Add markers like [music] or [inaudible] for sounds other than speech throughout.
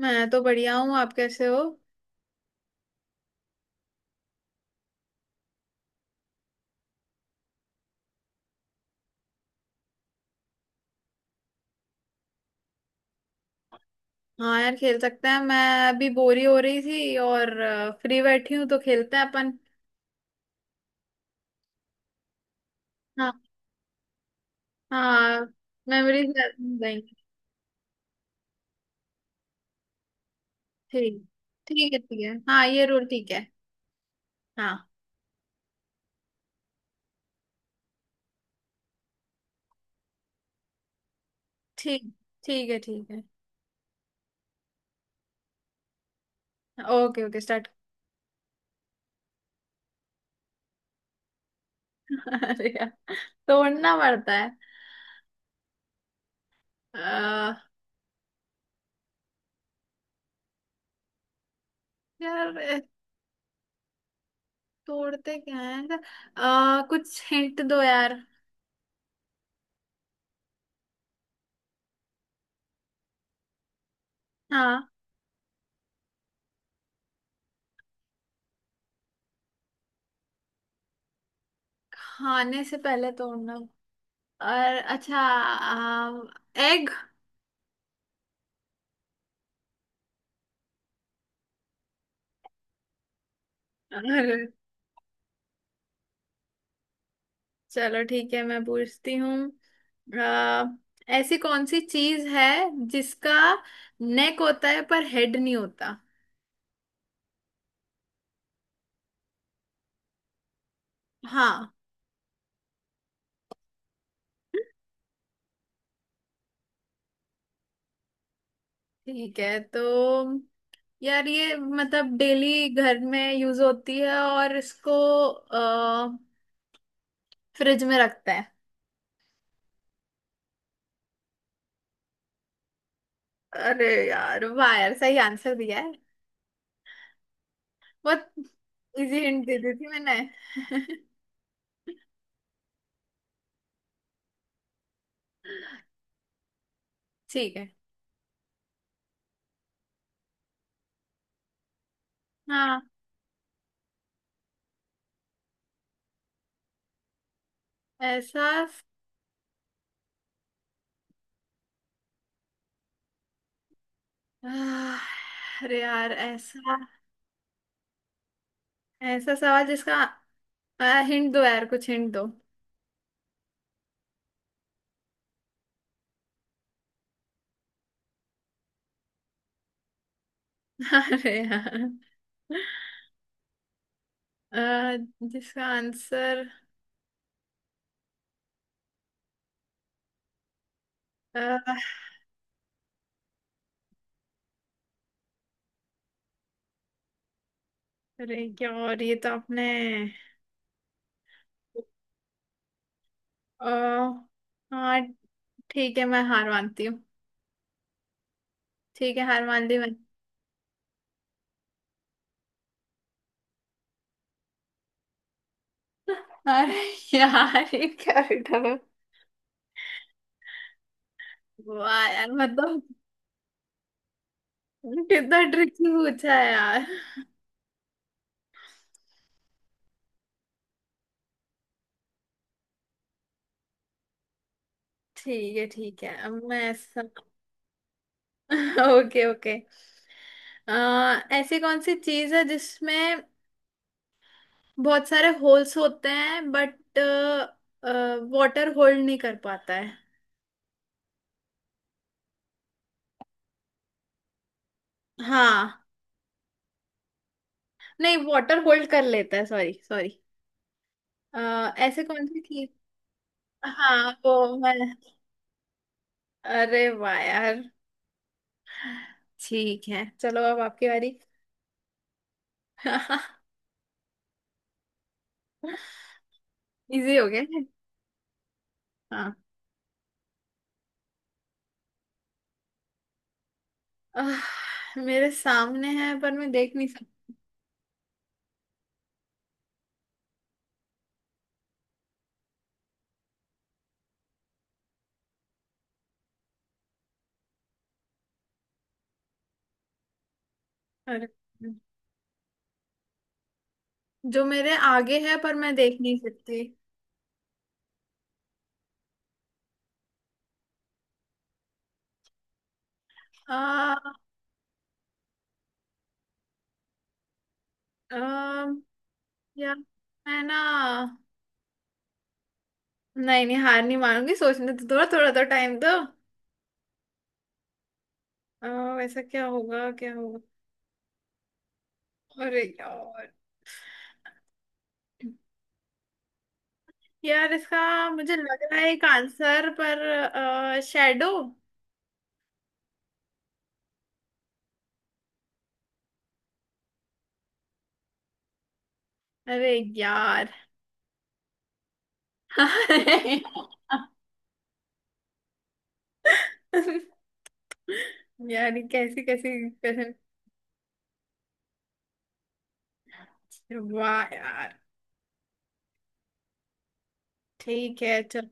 मैं तो बढ़िया हूँ। आप कैसे हो? हाँ यार, खेल सकते हैं। मैं अभी बोरी हो रही थी और फ्री बैठी हूँ तो खेलते हैं अपन। हाँ, हाँ, मेमोरीज जाएंगे। ठीक, ठीक है, ठीक है, हाँ, ये रूल ठीक है। हाँ। ठीक, ठीक है, ठीक है। Okay, okay, start. [laughs] अरे यार, तोड़ना पड़ता है। आ, यार, तोड़ते क्या है। कुछ हिंट दो यार। हाँ। खाने से पहले तोड़ना। और अच्छा, एग। [laughs] अरे। चलो ठीक है, मैं पूछती हूँ। आ, ऐसी कौन सी चीज है जिसका नेक होता है पर हेड नहीं होता। हाँ। ठीक है तो यार, ये मतलब डेली घर में यूज होती है और इसको आ, फ्रिज में रखते हैं। अरे यार, वाह यार, सही आंसर दिया है। बहुत इजी हिंट दे दी थी मैंने। [laughs] ठीक है। हाँ। ऐसा। आह, अरे यार, ऐसा। ऐसा सवाल जिसका। हिंट दो यार, कुछ हिंट दो। [laughs] अरे यार। अ, जिसका आंसर। अ, अरे क्या, और ये तो आपने। अ, हाँ। ठीक है, मैं हार मानती हूँ। ठीक है, हार मान ली मैंने। अरे। यार ये क्या रिटर्न है? वाह यार, मतलब। कितना ट्रिकी पूछा है यार। ठीक है, ठीक है, अब मैं ऐसा। [laughs] Okay, okay. अ, ऐसी कौन सी चीज है जिसमें बहुत सारे होल्स होते हैं बट वाटर होल्ड नहीं कर पाता है। हाँ। नहीं, वाटर होल्ड कर लेता है, सॉरी, सॉरी। ऐसे कौन सी थी। हाँ वो मैं। अरे वाह यार। ठीक है, चलो अब आपकी बारी। [laughs] इजी हो गया है। हाँ। मेरे सामने है पर मैं देख नहीं सकती। अरे। जो मेरे आगे है पर मैं देख नहीं सकती। आ, आ, यार मैं ना। नहीं, नहीं, हार नहीं मानूंगी, सोचने तो थोड़ा थोड़ा तो टाइम दो। अ, वैसा क्या होगा, क्या होगा। अरे यार। यार इसका मुझे लग रहा है, एक आंसर पर शैडो। अरे यार। [laughs] यार ये कैसी कैसी, कैसे। वाह यार। ठीक है चल।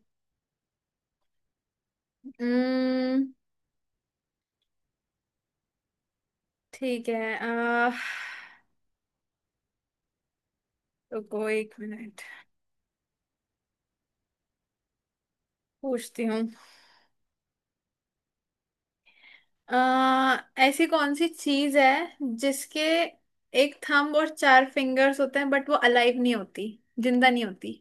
हम्म। ठीक है, रुको एक मिनट। पूछती हूँ। आ, ऐसी कौन सी चीज है जिसके एक थंब और चार फिंगर्स होते हैं बट वो अलाइव नहीं होती, जिंदा नहीं होती।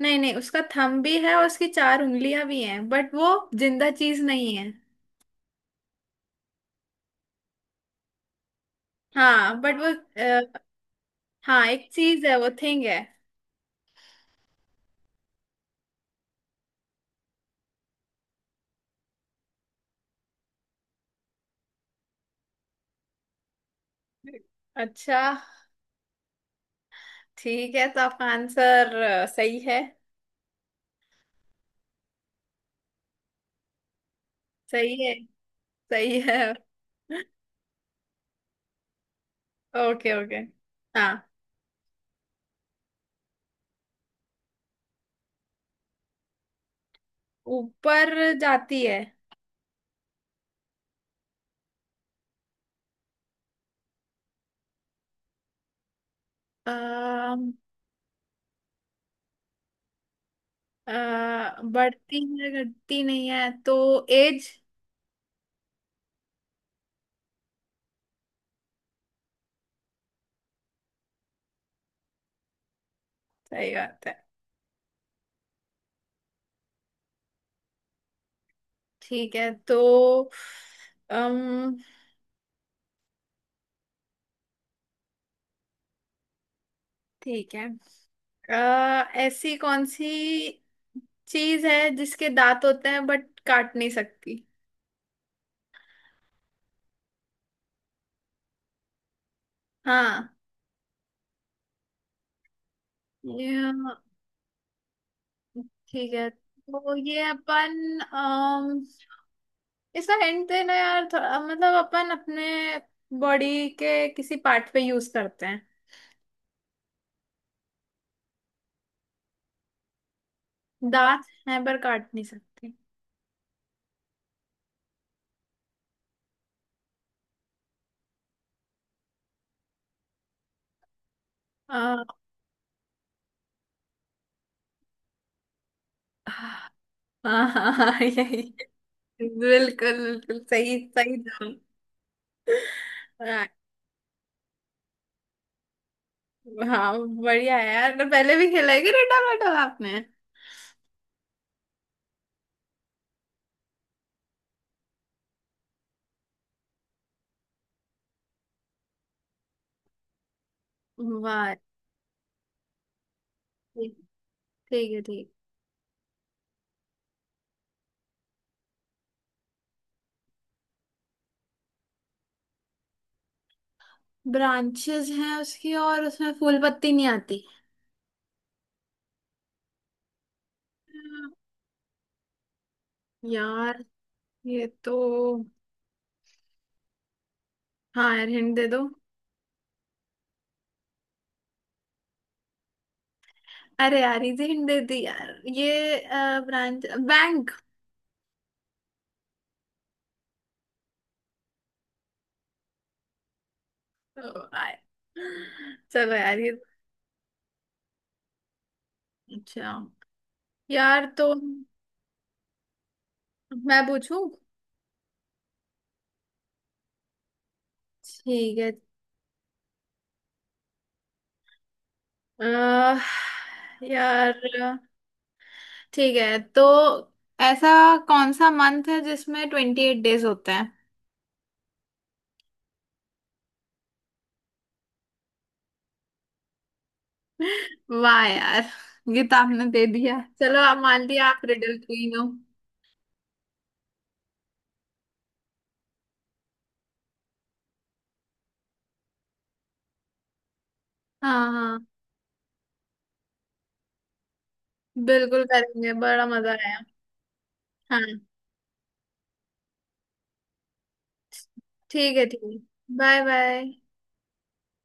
नहीं, नहीं, उसका थंब भी है और उसकी चार उंगलियां भी हैं बट वो जिंदा चीज नहीं है। हाँ बट वो। अ, हाँ, एक चीज है, वो थिंग है। अच्छा। ठीक है, तो आपका आंसर सही है। सही है। सही है। Okay, okay. हाँ। ऊपर जाती है। अ, बढ़ती है घटती नहीं है, तो एज। सही बात है। ठीक है तो। अम ठीक है। ऐसी कौन सी चीज है जिसके दांत होते हैं बट काट नहीं सकती। हाँ। ये- ठीक है तो ये अपन। अम इसका हिंट देना यार थोड़ा, मतलब अपन अपने बॉडी के किसी पार्ट पे यूज करते हैं। दांत हैं पर काट नहीं सकती। आ, हाँ, हाँ, हाँ, [laughs] यही। बिल्कुल, बिल्कुल सही, सही जवाब। हाँ। हाँ, बढ़िया है यार, तो पहले भी खेला है क्या, डंडा बैठा आपने। वाह। ठीक, ठीक है, ठीक। ब्रांचेस हैं उसकी और उसमें फूल पत्ती नहीं आती। यार ये तो। हाँ यार, हिंट दे दो। अरे यार इजी हिंट दे दी यार, ये। ब्रांच। बैंक। चलो यार ये। अच्छा। यार तो। मैं पूछूं। ठीक है। अह, यार। ठीक है तो। ऐसा कौन सा मंथ है जिसमें 28 डेज होते हैं? [laughs] वाह यार। ये तो आपने दे दिया, चलो आप मान लिया, आप रिडल क्वीन हो। हाँ, हाँ। बिल्कुल करेंगे, बड़ा मजा आया। हाँ। ठीक है, ठीक है। Bye bye.